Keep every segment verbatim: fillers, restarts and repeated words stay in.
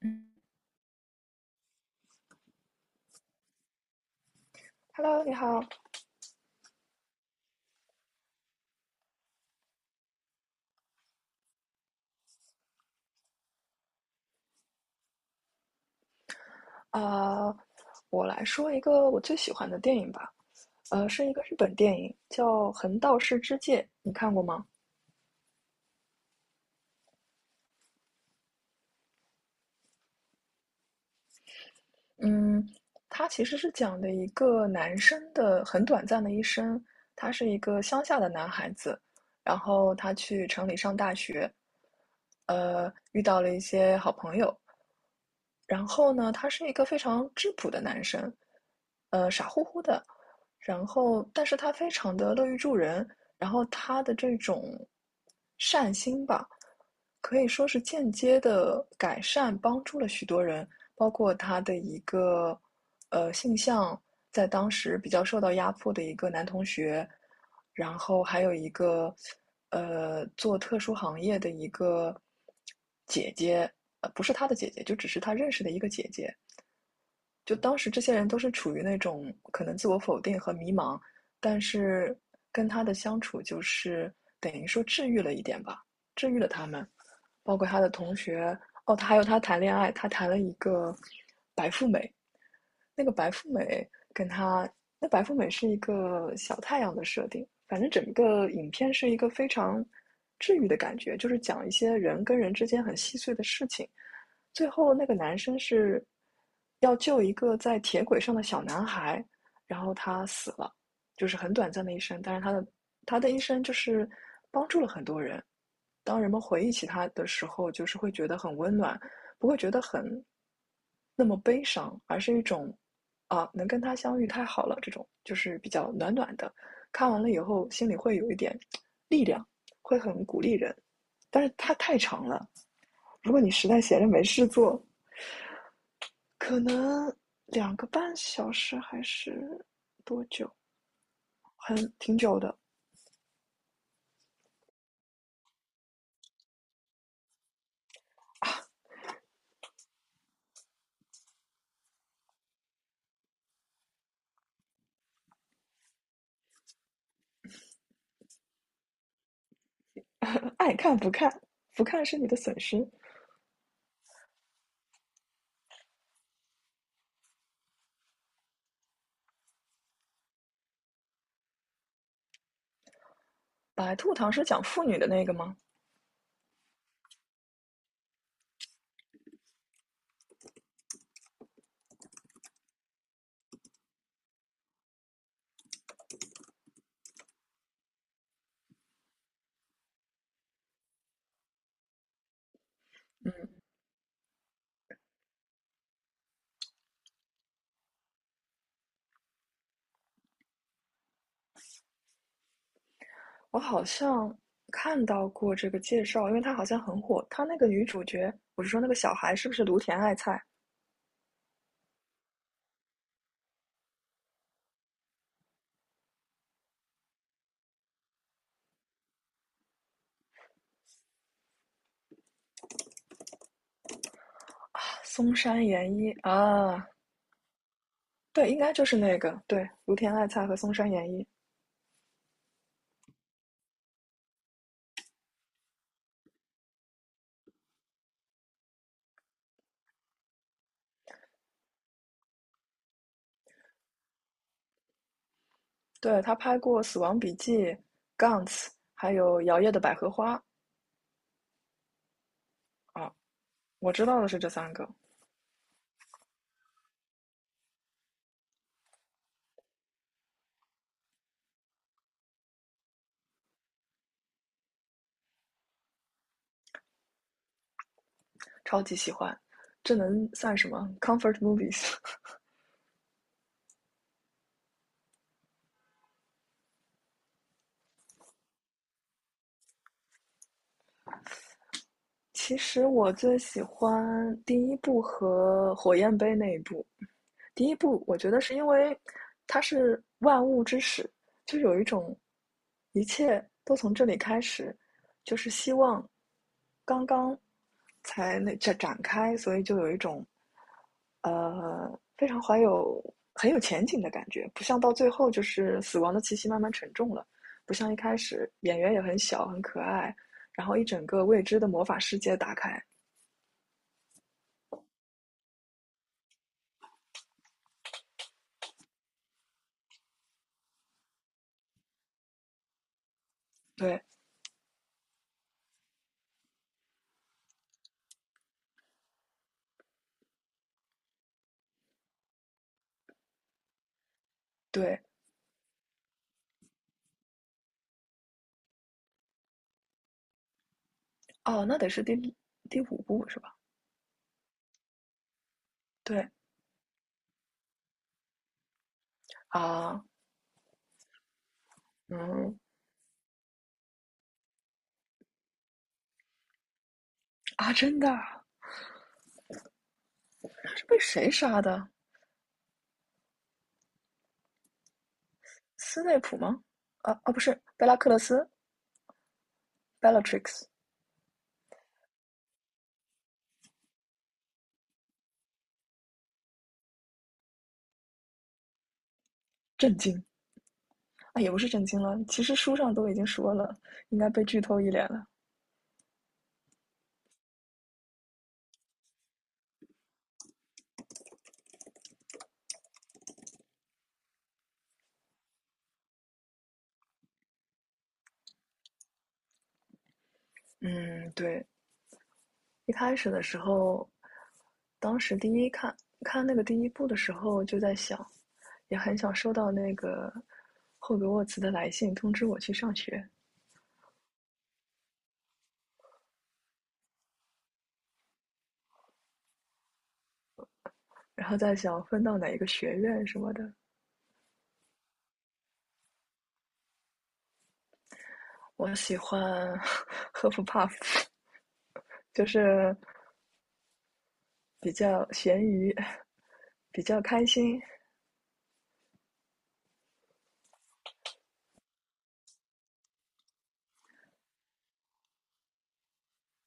嗯 Hello，你好。啊、我来说一个我最喜欢的电影吧。呃，是一个日本电影，叫《横道世之介》，你看过吗？嗯，它其实是讲的一个男生的很短暂的一生。他是一个乡下的男孩子，然后他去城里上大学，呃，遇到了一些好朋友，然后呢，他是一个非常质朴的男生，呃，傻乎乎的，然后但是他非常的乐于助人，然后他的这种善心吧，可以说是间接的改善帮助了许多人，包括他的一个呃性向，在当时比较受到压迫的一个男同学，然后还有一个呃，做特殊行业的一个姐姐，呃，不是她的姐姐，就只是她认识的一个姐姐。就当时这些人都是处于那种可能自我否定和迷茫，但是跟她的相处就是等于说治愈了一点吧，治愈了他们，包括她的同学，哦，她还有她谈恋爱，她谈了一个白富美，那个白富美跟她，那白富美是一个小太阳的设定，反正整个影片是一个非常治愈的感觉，就是讲一些人跟人之间很细碎的事情。最后那个男生是要救一个在铁轨上的小男孩，然后他死了，就是很短暂的一生，但是他的他的一生就是当人们回忆起它的时候，就是会觉得很温暖，不会觉得很那么悲伤，而是一种啊，能跟他相遇太好了，这种就是比较暖暖的。看完了以后，心里会有一点力量，会很鼓励人。但是它太长了，如果你实在闲着没事做，可能两个半小时还是多久，很挺久的。爱看不看，不看是你的损失。白兔糖是讲妇女的那个吗？嗯，我好像看到过这个介绍，因为它好像很火。它那个女主角，我是说那个小孩，是不是芦田爱菜、松山研一啊？对，应该就是那个，对，芦田爱菜和松山研一。对，她拍过《死亡笔记》、Guns，还有《摇曳的百合花》啊，我知道的是这三个，超级喜欢。这能算什么？Comfort movies。其实我最喜欢第一部和火焰杯那一部。第一部我觉得是因为它是万物之始，就有一种一切都从这里开始，就是希望刚刚才那展展开，所以就有一种呃非常怀有很有前景的感觉，不像到最后就是死亡的气息慢慢沉重了，不像一开始演员也很小很可爱，然后一整个未知的魔法世界打开。对对，哦，那得是第第五部是吧？对啊，嗯啊，真的啊是被谁杀的？斯内普吗？啊啊，不是，贝拉克勒斯 （Bellatrix）。震惊啊，也不是震惊了，其实书上都已经说了，应该被剧透一脸了。嗯，对，一开始的时候，当时第一看看那个第一部的时候，就在想，也很想收到那个霍格沃茨的来信通知我去上学，然后在想分到哪一个学院什么的。我喜欢 赫夫帕夫，就是比较咸鱼，比较开心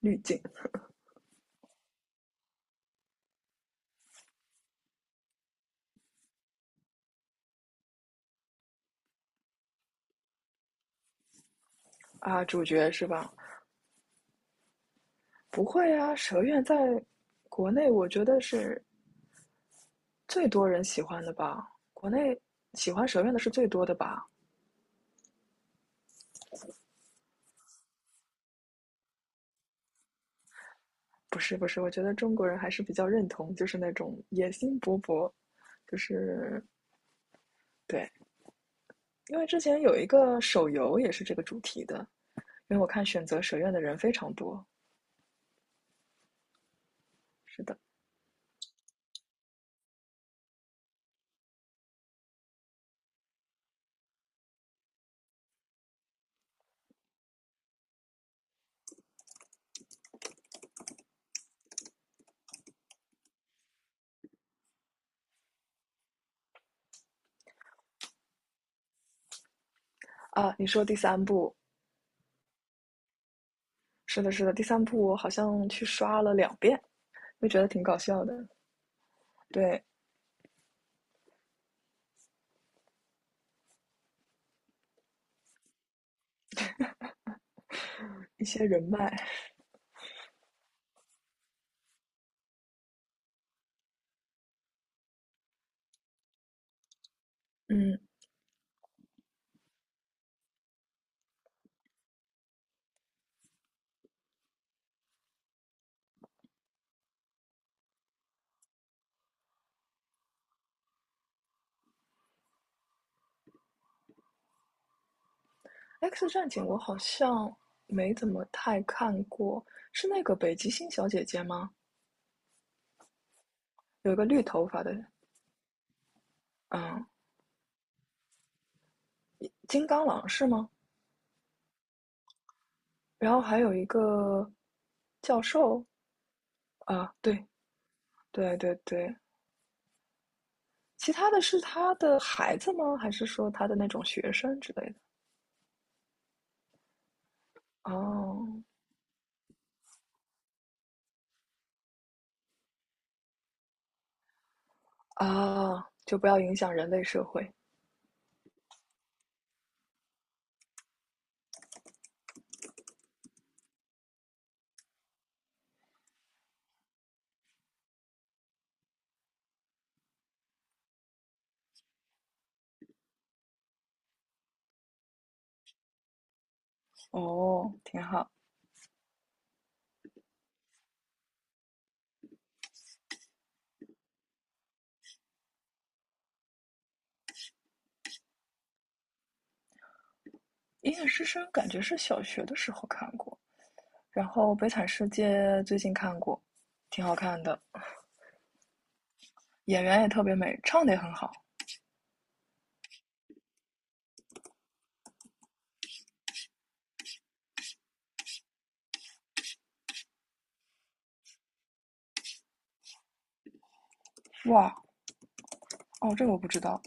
滤镜啊，主角是吧？不会啊，蛇院在国内我觉得是最多人喜欢的吧，国内喜欢蛇院的是最多的吧。不是不是，我觉得中国人还是比较认同，就是那种野心勃勃，就是对，因为之前有一个手游也是这个主题的，因为我看选择蛇院的人非常多。是的啊，你说第三部，是的，是的，第三部我好像去刷了两遍，就觉得挺搞笑的。对，一些人脉，嗯，X 战警我好像没怎么太看过，是那个北极星小姐姐吗？有一个绿头发的，嗯，金刚狼是吗？然后还有一个教授啊，对对对对，其他的是他的孩子吗？还是说他的那种学生之类的？哦啊，就不要影响人类社会。哦，挺好。《银眼之声》感觉是小学的时候看过，然后《悲惨世界》最近看过，挺好看的，演员也特别美，唱的也很好。哇，哦，这个我不知道。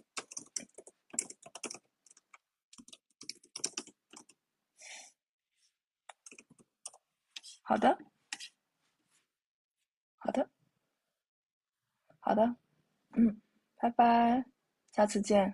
好的，好的，好的，嗯，拜拜，下次见。